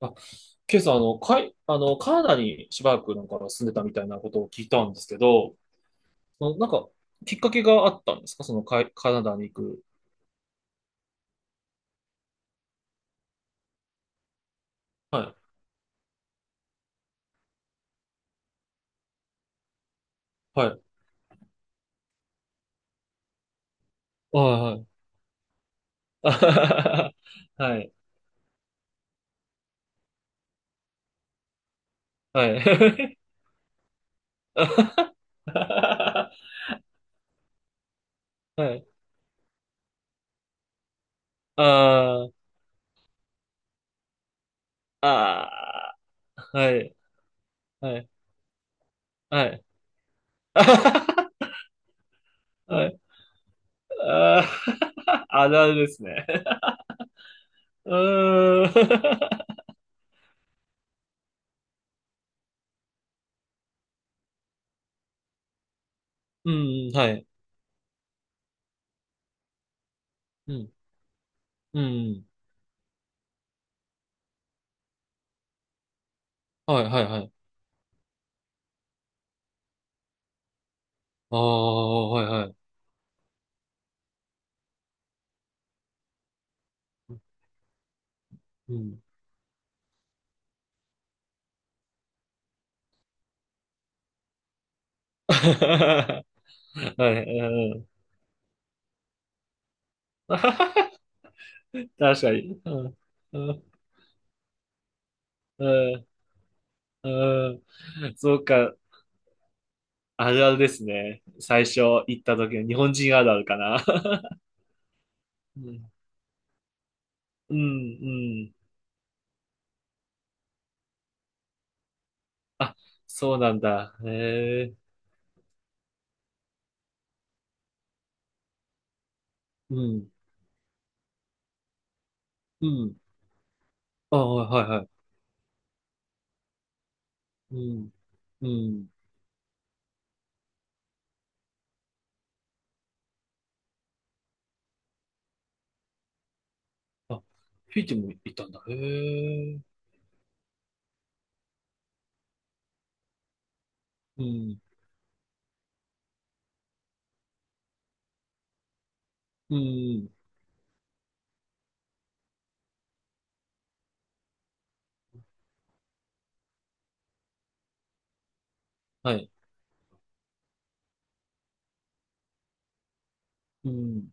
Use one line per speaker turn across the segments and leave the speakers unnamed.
あ、ケイさん、あの、かい、あの、カナダにしばらく住んでたみたいなことを聞いたんですけど、そのなんか、きっかけがあったんですか、そのかい、カナダに行く。はい、はい、はい、はい。はい、はい。はい。あー、あー、はい、はい、はい。はい、あー、あるあるですね。うーん、うん、はい。うん、うん、はい、はい、はい。ああ、はいはい。うん。はい、うん。確かに。うん。うん。うん。うん、そうか。あるあるですね。最初行った時の日本人あるあるかな。うん。うん。うん。あ、そうなんだ。へえ。うん。うん。ああ、はいはい。うん。うん。あ、フィジーも行ったんだ。へえ。うん。うん。はい。うん。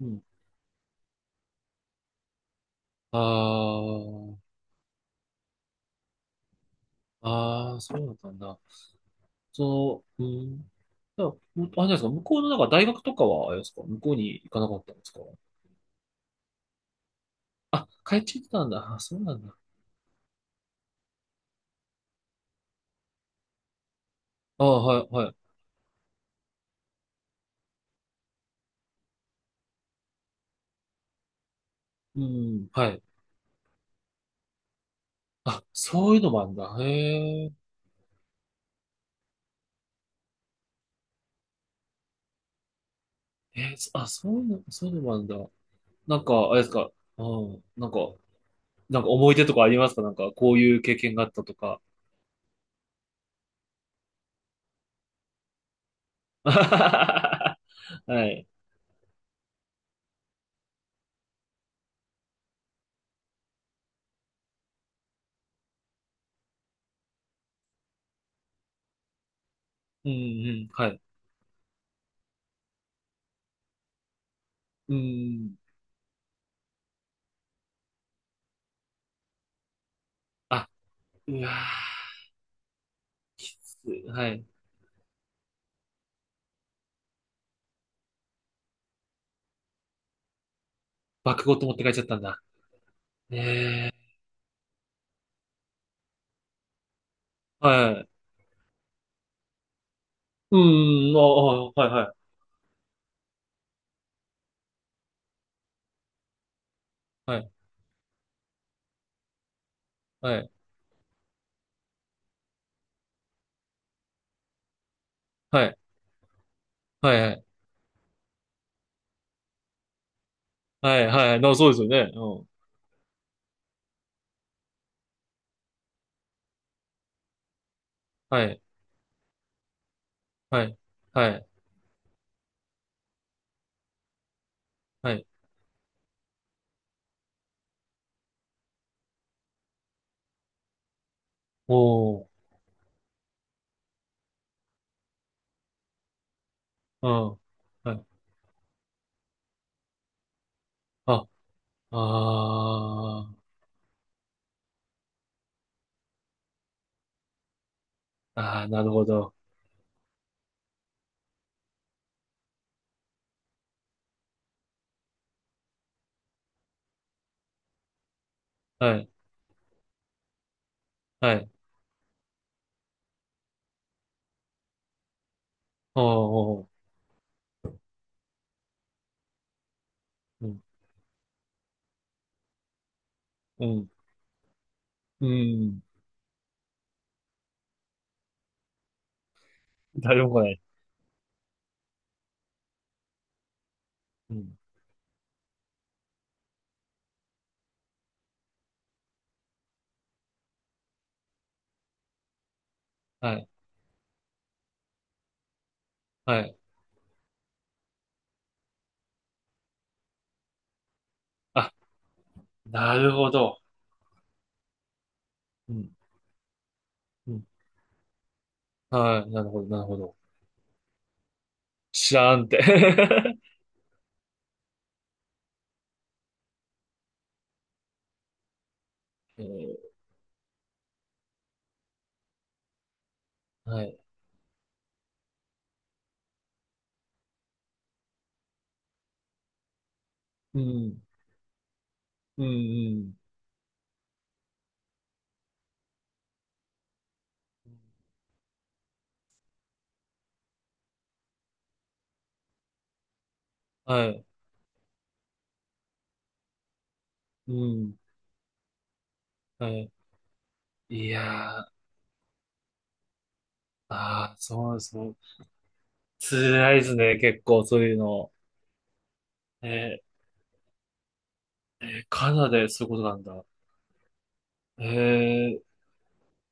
うん。ああ。ああ、そうだったんだ。そう、うん。じゃあ、むあれですか、向こうの大学とかは、あれですか、向こうに行かなかったんですか？あ、帰っちゃってたんだ。あ、そうなんだ。ああ、はい、はい。うん、はい。あ、そういうのもあるんだ。へえ。えー、そういうの、そういうのもあるんだ。なんか、あれですか、うん、なんか思い出とかありますか、なんか、こういう経験があったとか。はい。うん、うん、はい。うん。あ、うわー、きつい。はい。爆ごと持って帰っちゃったんだ。ええ、はい。うん、ああ、はい、はい、はい、はい、はい、はい、はい、はい、な、そうですよね。うん。はい、はい、はい、はい。おー、うん、はい。あ、あー、あー、なるほど。はい、はい、おー、うん、うん、うん。誰も来ない。うん、はい、はい。あ、なるほど。うん、うん、はい、なるほど、なるほど。知らんって。えー、はい。うん、うん、うん。はい。うん。はい。いやー、ああ、そうです。もう辛いですね、結構、そういうの。えー、え、カナダでそういうことなんだ。えー、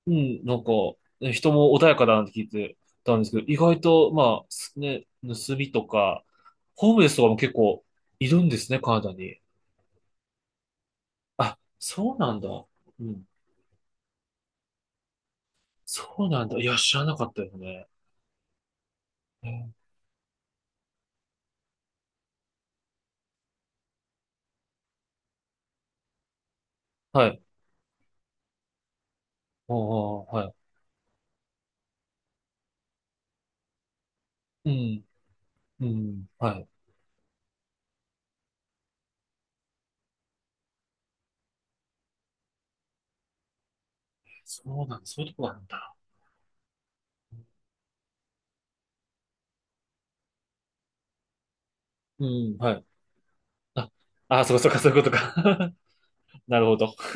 うん、なんか、ね、人も穏やかだなんて聞いてたんですけど、意外と、まあ、すね、盗みとか、ホームレスとかも結構いるんですね、カナダに。あ、そうなんだ。うん。そうなんだ。いや、知らなかったですね。えー、はい。ああ、はい。うん、うん、はい。そうなんだ、そういうとこなんだ。うん、はい。あ、あ、そうかそうか、そういうことか。なるほど。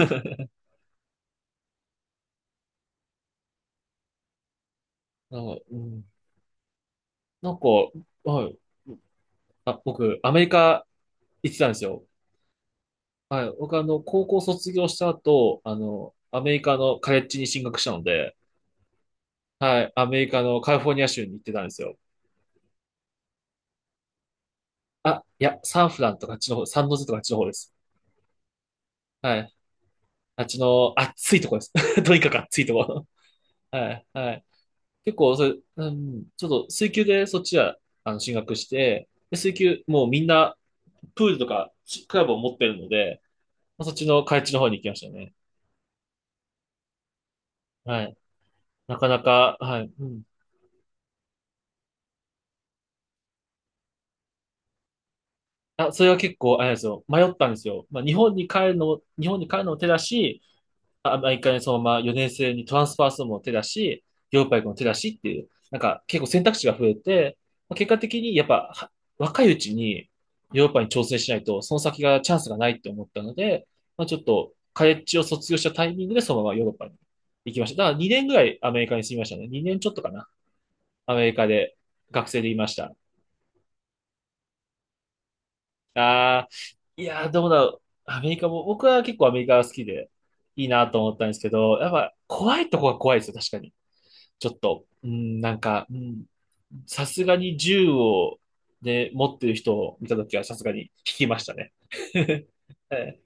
あ、うん、なんか、はい。あ、僕、アメリカ行ってたんですよ。はい。僕、あの、高校卒業した後、あの、アメリカのカレッジに進学したので、はい。アメリカのカリフォルニア州に行ってたんですよ。あ、いや、サンフランとかあっちの方、サンノゼとかあっちの方です。はい。あっちの暑いとこです。とにかく暑いとこ。はい。はい。結構、それ、うん、ちょっと、水球でそっちは、あの、進学して、で水球、もうみんな、プールとか、クラブを持ってるので、まあそっちの海地の方に行きましたね。はい。なかなか、はい。うん。あ、それは結構、あれなんですよ。迷ったんですよ。まあ、日本に帰るのも手だし、アメリカにそのまま4年生にトランスファーするのも手だし、ヨーロッパ行くのも手だしっていう、なんか結構選択肢が増えて、まあ結果的にやっぱは若いうちにヨーロッパに挑戦しないと、その先がチャンスがないって思ったので、まあ、ちょっとカレッジを卒業したタイミングでそのままヨーロッパに行きました。だから2年ぐらいアメリカに住みましたね。2年ちょっとかな。アメリカで学生でいました。ああ、いやー、どうだろう。アメリカも、僕は結構アメリカが好きでいいなと思ったんですけど、やっぱ怖いとこが怖いですよ、確かに。ちょっと、うん、なんか、うん、さすがに銃を、ね、持ってる人を見たときはさすがに引きましたね。はい